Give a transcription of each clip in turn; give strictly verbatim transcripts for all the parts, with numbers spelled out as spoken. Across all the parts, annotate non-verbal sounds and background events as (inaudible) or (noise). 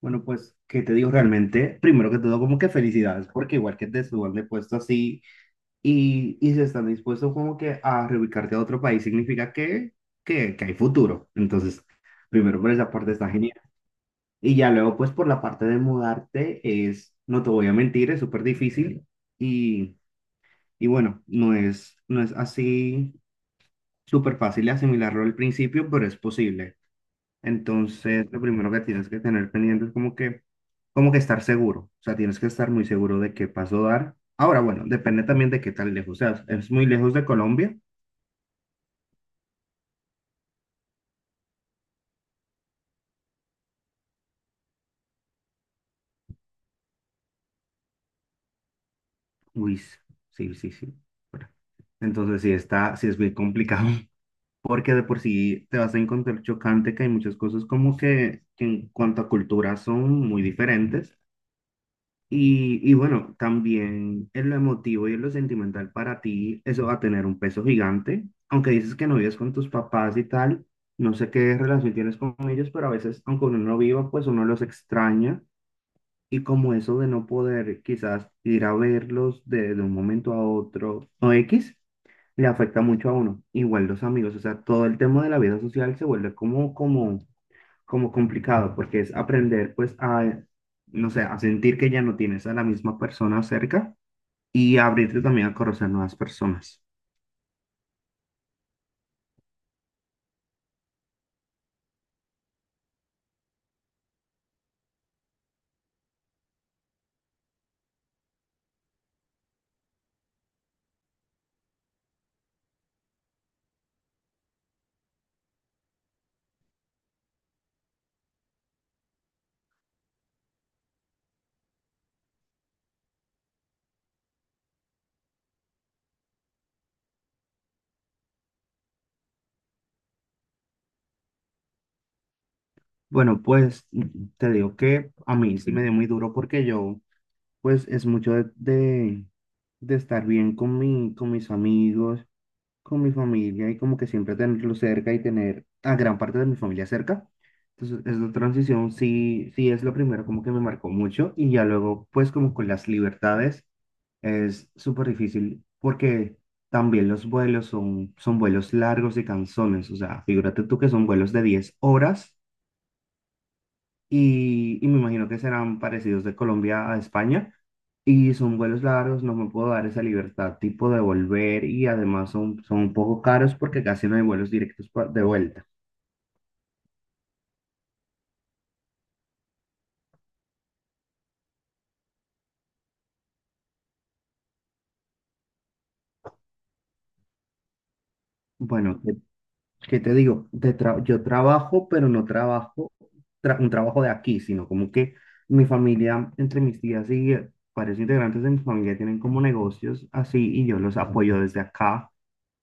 Bueno, pues, ¿qué te digo realmente? Primero que todo, como que felicidades, porque igual que te suban de puesto así y, y se están dispuestos como que a reubicarte a otro país, significa que, que, que hay futuro. Entonces, primero por esa parte está genial. Y ya luego, pues, por la parte de mudarte es, no te voy a mentir, es súper difícil y, y bueno, no es, no es así súper fácil de asimilarlo al principio, pero es posible. Entonces, lo primero que tienes que tener pendiente es como que, como que estar seguro. O sea, tienes que estar muy seguro de qué paso dar. Ahora, bueno, depende también de qué tan lejos seas. ¿Es muy lejos de Colombia? Uy, sí, sí, sí. Bueno, entonces sí está, sí es muy complicado. (laughs) Porque de por sí te vas a encontrar chocante que hay muchas cosas como que, que en cuanto a cultura son muy diferentes. Y, y bueno, también en lo emotivo y en lo sentimental para ti, eso va a tener un peso gigante. Aunque dices que no vives con tus papás y tal, no sé qué relación tienes con ellos, pero a veces, aunque uno no viva, pues uno los extraña. Y como eso de no poder quizás ir a verlos de, de un momento a otro o X, le afecta mucho a uno. Igual los amigos, o sea, todo el tema de la vida social se vuelve como, como como complicado, porque es aprender pues a, no sé, a sentir que ya no tienes a la misma persona cerca y abrirte también a conocer nuevas personas. Bueno, pues te digo que a mí sí me dio muy duro porque yo pues es mucho de, de, de estar bien con mi, con mis amigos, con mi familia y como que siempre tenerlo cerca y tener a gran parte de mi familia cerca. Entonces, esta transición sí, sí es lo primero como que me marcó mucho y ya luego, pues como con las libertades, es súper difícil porque también los vuelos son, son vuelos largos y cansones. O sea, figúrate tú que son vuelos de diez horas y, y me imagino que serán parecidos de Colombia a España. Y son vuelos largos, no me puedo dar esa libertad tipo de volver y además son, son un poco caros porque casi no hay vuelos directos pa- de vuelta. Bueno, ¿qué, qué te digo? Te tra- yo trabajo, pero no trabajo tra- un trabajo de aquí, sino como que mi familia, entre mis tías y eh, varios integrantes de mi familia tienen como negocios así y yo los apoyo desde acá,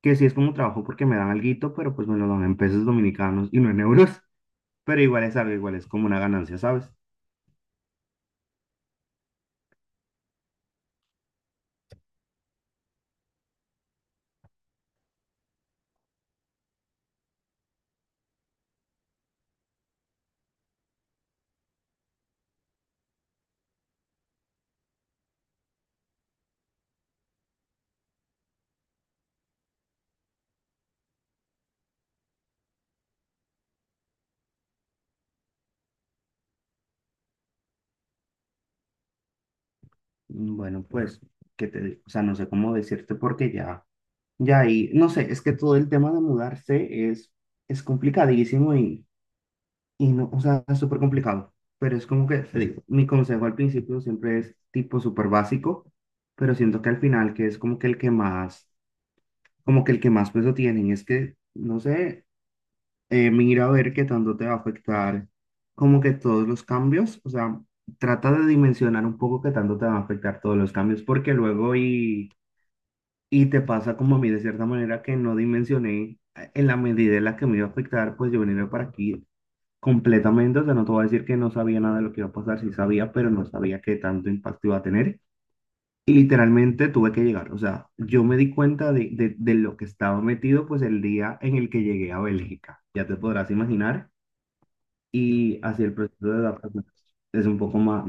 que sí es como trabajo porque me dan alguito, pero pues me lo dan en pesos dominicanos y no en euros, (laughs) pero igual es algo, igual es como una ganancia, ¿sabes? Mm, bueno, pues, que te digo? O sea, no sé cómo decirte porque ya, ya ahí, no sé, es que todo el tema de mudarse es, es complicadísimo y, y no, o sea, es súper complicado, pero es como que, te digo, mi consejo al principio siempre es tipo súper básico, pero siento que al final que es como que el que más, como que el que más peso tienen, es que, no sé, eh, mira a ver qué tanto te va a afectar, como que todos los cambios, o sea, trata de dimensionar un poco qué tanto te van a afectar todos los cambios, porque luego y Y te pasa como a mí de cierta manera que no dimensioné eh, en la medida en la que me iba a afectar, pues yo venía para aquí completamente, o sea, no te voy a decir que no sabía nada de lo que iba a pasar, sí sabía, pero no sabía qué tanto impacto iba a tener. Y literalmente tuve que llegar, o sea, yo me di cuenta de, de, de lo que estaba metido, pues el día en el que llegué a Bélgica, ya te podrás imaginar, y así el proceso de adaptación es un poco más...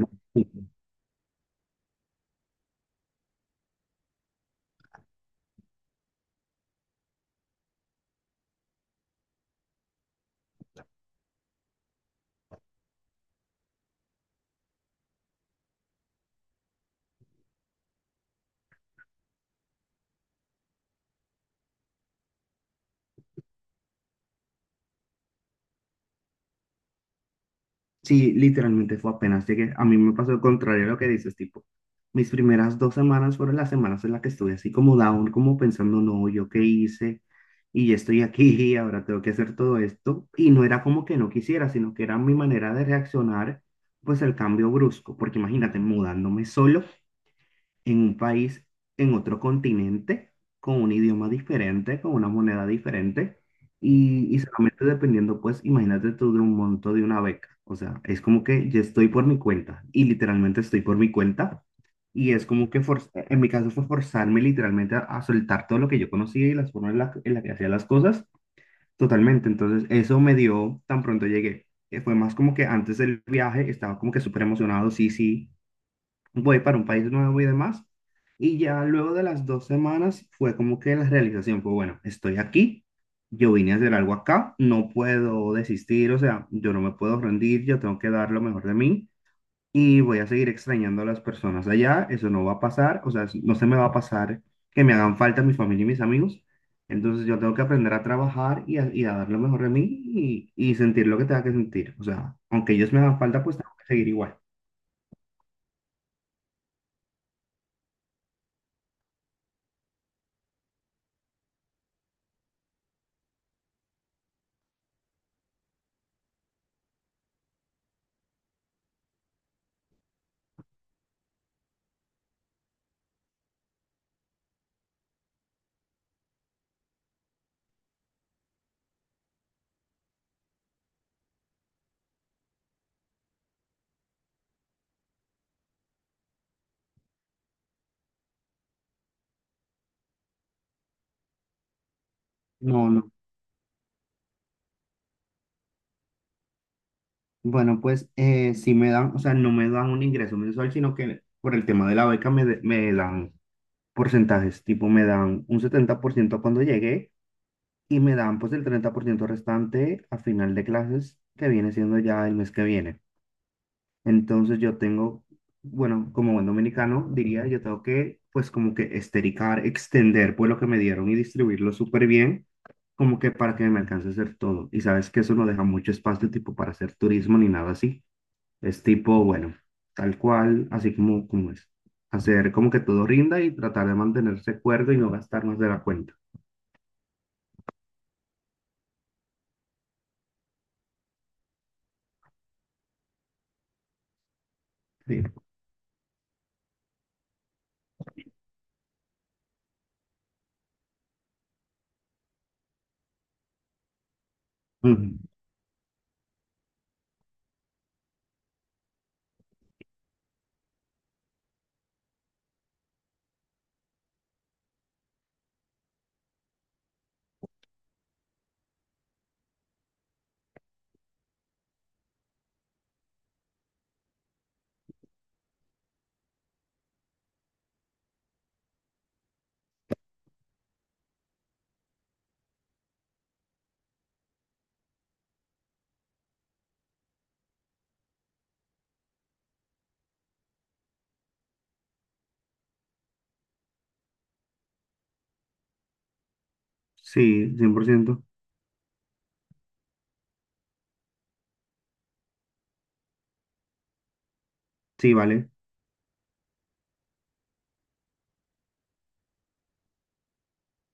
Sí, literalmente fue apenas llegué. A mí me pasó el contrario a lo que dices, tipo, mis primeras dos semanas fueron las semanas en las que estuve así como down, como pensando, no, ¿yo qué hice? Y ya estoy aquí (laughs) ahora tengo que hacer todo esto. Y no era como que no quisiera, sino que era mi manera de reaccionar, pues al cambio brusco, porque imagínate, mudándome solo en un país, en otro continente, con un idioma diferente, con una moneda diferente, y, y solamente dependiendo, pues, imagínate tú de un monto de una beca. O sea, es como que yo estoy por mi cuenta, y literalmente estoy por mi cuenta, y es como que forz- en mi caso fue forzarme literalmente a, a soltar todo lo que yo conocía y las formas en las la que hacía las cosas, totalmente. Entonces, eso me dio, tan pronto llegué. eh, Fue más como que antes del viaje estaba como que súper emocionado, sí, sí, voy para un país nuevo y demás. Y ya luego de las dos semanas fue como que la realización fue, bueno, estoy aquí, yo vine a hacer algo acá, no puedo desistir, o sea, yo no me puedo rendir, yo tengo que dar lo mejor de mí y voy a seguir extrañando a las personas allá, eso no va a pasar, o sea, no se me va a pasar que me hagan falta mi familia y mis amigos. Entonces yo tengo que aprender a trabajar y a, y a dar lo mejor de mí y, y sentir lo que tenga que sentir. O sea, aunque ellos me hagan falta, pues tengo que seguir igual. No, no. Bueno, pues eh, sí me dan, o sea, no me dan un ingreso mensual, sino que por el tema de la beca me, de- me dan porcentajes, tipo me dan un setenta por ciento cuando llegué y me dan pues el treinta por ciento restante a final de clases, que viene siendo ya el mes que viene. Entonces yo tengo, bueno, como buen dominicano diría, yo tengo que pues como que estericar, extender pues lo que me dieron y distribuirlo súper bien, como que para que me alcance a hacer todo. Y sabes que eso no deja mucho espacio tipo para hacer turismo ni nada así. Es tipo, bueno, tal cual, así como, como es. Hacer como que todo rinda y tratar de mantenerse cuerdo y no gastar más de la cuenta. Sí. Ujú. Sí, cien por ciento. Sí, vale.